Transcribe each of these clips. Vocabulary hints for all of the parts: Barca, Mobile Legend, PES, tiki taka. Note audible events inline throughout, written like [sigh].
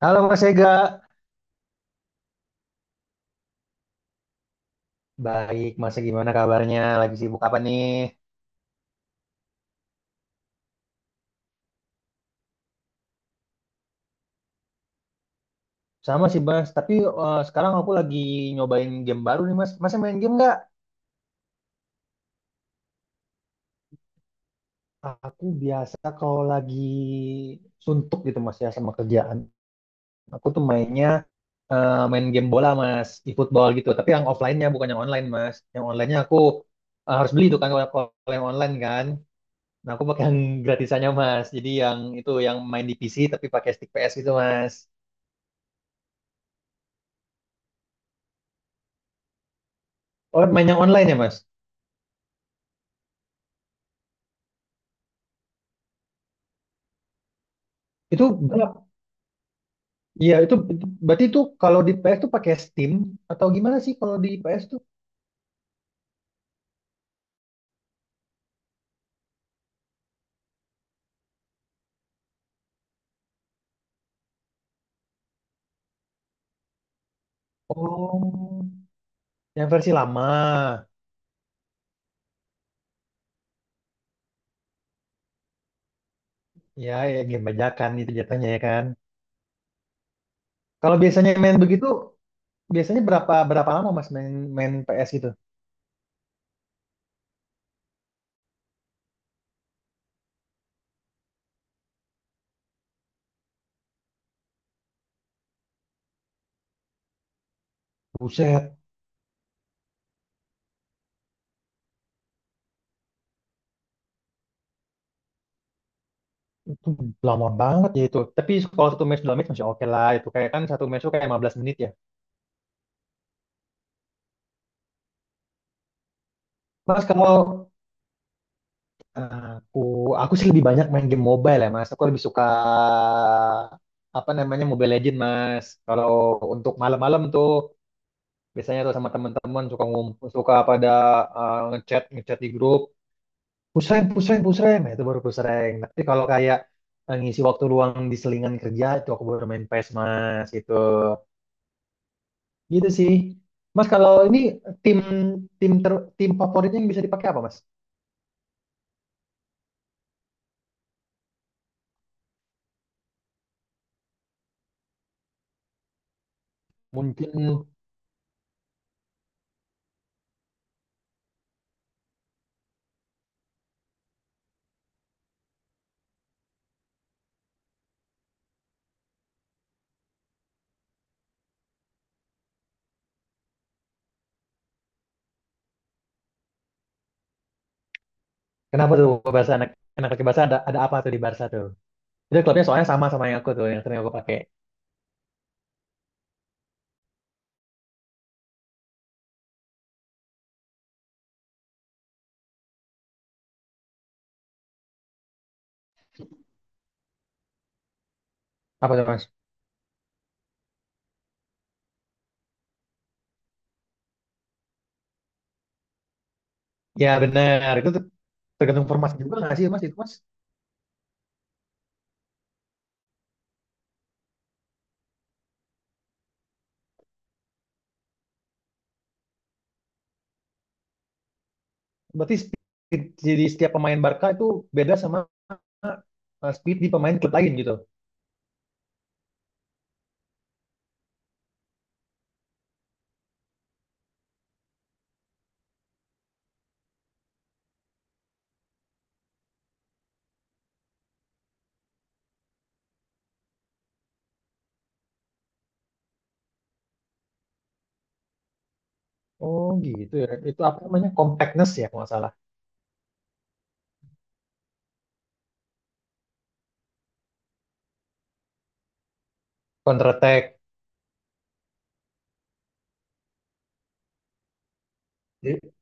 Halo Mas Ega, baik Mas gimana kabarnya? Lagi sibuk apa nih? Sama sih Mas, tapi sekarang aku lagi nyobain game baru nih Mas. Mas main game nggak? Aku biasa kalau lagi suntuk gitu Mas ya sama kerjaan. Aku tuh main game bola Mas, e-football gitu. Tapi yang offline-nya bukan yang online Mas. Yang online-nya aku harus beli itu kan kalau kalau yang online kan. Nah aku pakai yang [laughs] gratisannya Mas. Jadi yang itu yang main di PC tapi pakai stick PS gitu Mas. Oh main yang online ya Mas? Itu berapa? Iya, itu berarti itu kalau di PS tuh pakai Steam atau gimana sih kalau di PS tuh? Oh, yang versi lama. Ya, ya, game bajakan itu jatuhnya ya kan. Kalau biasanya main begitu, biasanya berapa berapa lama Mas main main PS gitu? Buset, itu lama banget ya itu. Tapi kalau satu match dua match masih oke lah. Itu kayak kan satu match tuh kayak 15 menit ya. Mas kalau Aku aku sih lebih banyak main game mobile ya Mas. Aku lebih suka apa namanya Mobile Legend Mas. Kalau untuk malam-malam tuh biasanya tuh sama teman-teman suka ngumpul, suka pada ngechat ngechat di grup. Pusreng, pusreng, pusreng. Nah, itu baru pusreng. Tapi kalau kayak ngisi waktu luang di selingan kerja itu aku baru main PES Mas gitu. Gitu sih. Mas kalau ini tim tim ter, tim favoritnya yang bisa dipakai apa Mas? Mungkin Kenapa tuh gua Barca anak anak laki Barca ada apa tuh di Barca tuh? Itu klubnya soalnya sama sama yang aku tuh yang sering aku pakai. Apa tuh Mas? Ya benar, itu tuh tergantung formasi juga nggak sih Mas itu Mas? Berarti speed jadi setiap pemain Barca itu beda sama speed di pemain klub lain gitu. Oh gitu ya. Itu apa namanya? Compactness ya kalau nggak salah. Counter attack. Jadi-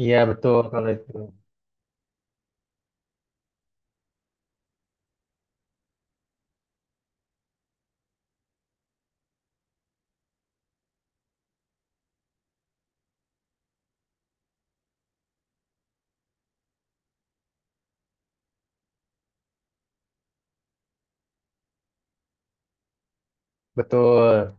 Iya betul kalau itu. Betul.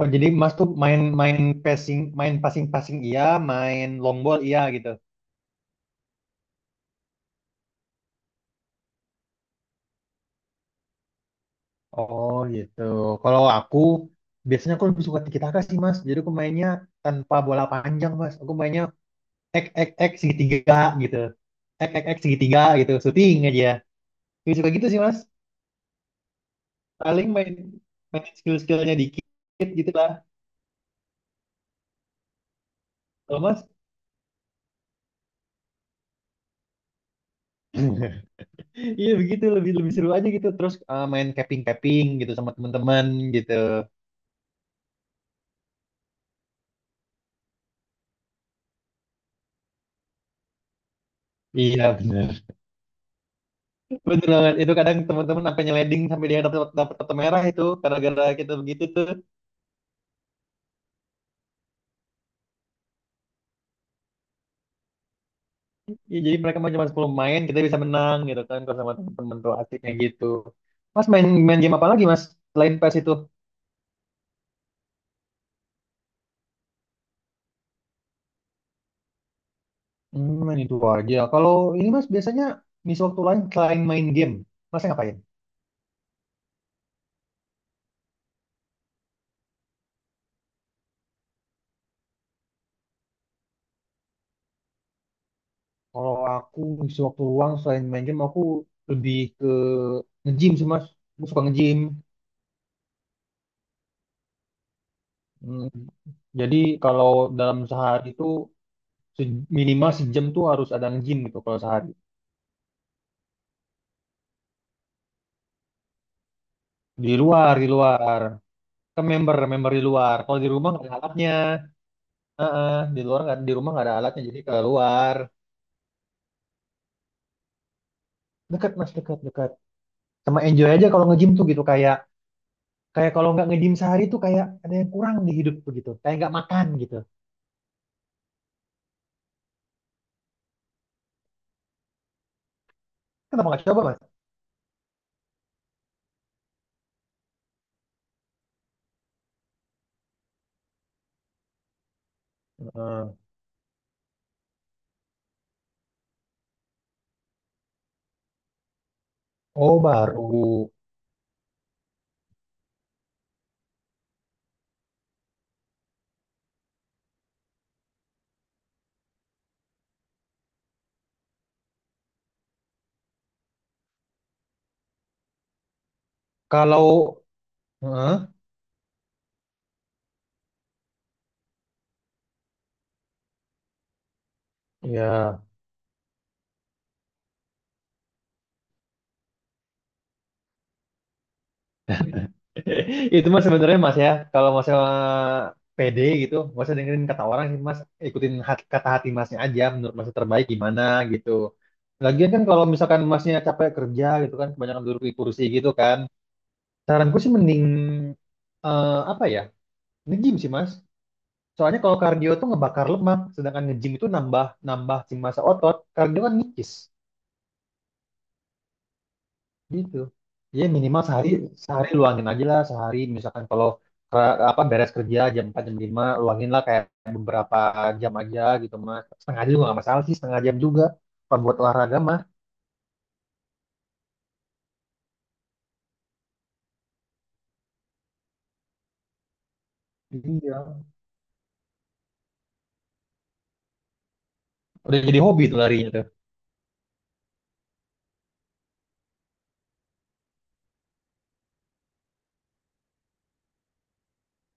Oh, jadi Mas tuh main main passing passing iya, main long ball iya gitu. Oh gitu. Kalau aku biasanya aku lebih suka tiki taka sih mas. Jadi aku mainnya tanpa bola panjang mas. Aku mainnya ek ek ek segitiga gitu. Ek ek ek segitiga gitu. Shooting aja. Lebih suka gitu sih mas. Paling main main skill-skillnya dikit gitu lah. Kalau mas. [laughs] Iya begitu lebih lebih seru aja gitu terus main capping capping gitu sama teman-teman gitu. Iya benar, benar banget itu kadang teman-teman sampai nyeleding sampai dia dapat dapat kartu merah itu gara-gara kita begitu tuh. Iya, jadi mereka mah cuma 10 main, kita bisa menang gitu kan kalau sama temen-temen tuh asiknya gitu. Mas main main game apa lagi Mas selain PES itu? Hmm, main itu aja. Kalau ini Mas biasanya ngisi waktu lain selain main game, Mas ngapain? Kalau aku ngisi waktu luang selain main game, aku lebih ke nge-gym sih Mas. Aku suka nge-gym. Hmm, jadi kalau dalam sehari itu minimal sejam tuh harus ada nge-gym gitu kalau sehari. Di luar, di luar. Ke member di luar. Kalau di rumah nggak ada alatnya. Heeh, di luar nggak di rumah nggak ada alatnya jadi keluar. Dekat mas, dekat, dekat, sama enjoy aja kalau nge-gym tuh gitu kayak kayak kalau nggak nge-gym sehari tuh kayak ada yang kurang di hidup tuh gitu kayak nggak makan gitu. Kenapa nggak coba mas? Heeh. Oh baru. Kalau. Heeh, ya. [laughs] Itu mas sebenarnya mas ya kalau mas PD gitu mas dengerin kata orang sih mas ikutin kata hati masnya aja menurut mas terbaik gimana gitu. Lagian kan kalau misalkan masnya capek kerja gitu kan kebanyakan duduk di kursi gitu kan. Saranku sih mending apa ya? Nge-gym sih, Mas. Soalnya kalau kardio tuh ngebakar lemak, sedangkan nge-gym itu nambah nambah si massa otot. Kardio kan nipis gitu. Ya minimal sehari sehari luangin aja lah sehari misalkan kalau apa beres kerja jam 4 jam 5, luangin lah kayak beberapa jam aja gitu Mas. Setengah jam juga nggak masalah sih, setengah jam juga. Kalau buat olahraga mah. Iya. Udah jadi hobi tuh larinya tuh.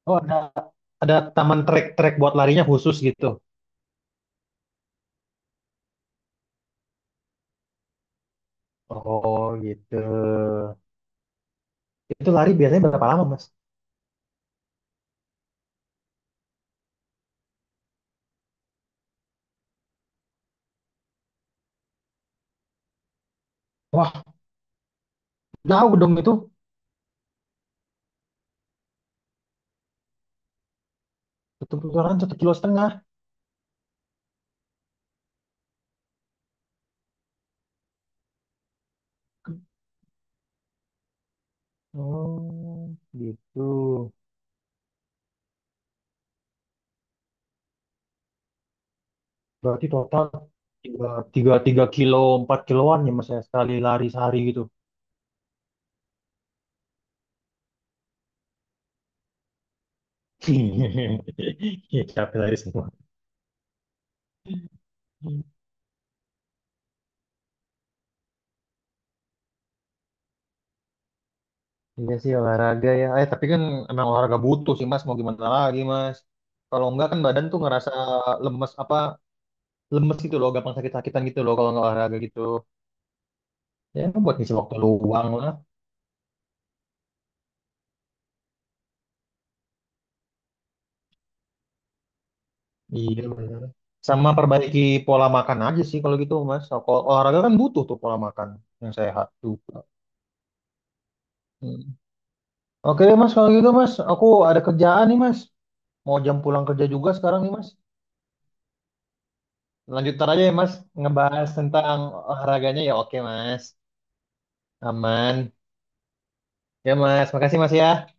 Oh, ada taman trek-trek buat larinya khusus gitu. Oh, gitu. Itu lari biasanya berapa lama, Mas? Wah, jauh dong itu. Satu putaran 1,5 kilo. Oh, gitu. Berarti total tiga, tiga kilo, 4 kiloan ya Mas ya, sekali lari sehari gitu. [laughs] Iya, capek lari semua. Iya sih olahraga ya. Eh tapi kan emang olahraga butuh sih Mas. Mau gimana lagi Mas? Kalau enggak kan badan tuh ngerasa lemes apa lemes gitu loh, gampang sakit-sakitan gitu loh kalau nggak olahraga gitu. Ya buat ngisi waktu luang lah. Iya benar. Sama perbaiki pola makan aja sih kalau gitu Mas. Kalau olahraga kan butuh tuh pola makan yang sehat juga. Hmm. Oke deh Mas kalau gitu Mas, aku ada kerjaan nih Mas. Mau jam pulang kerja juga sekarang nih Mas. Lanjut ntar aja ya Mas ngebahas tentang olahraganya ya oke Mas. Aman. Ya Mas, makasih Mas ya.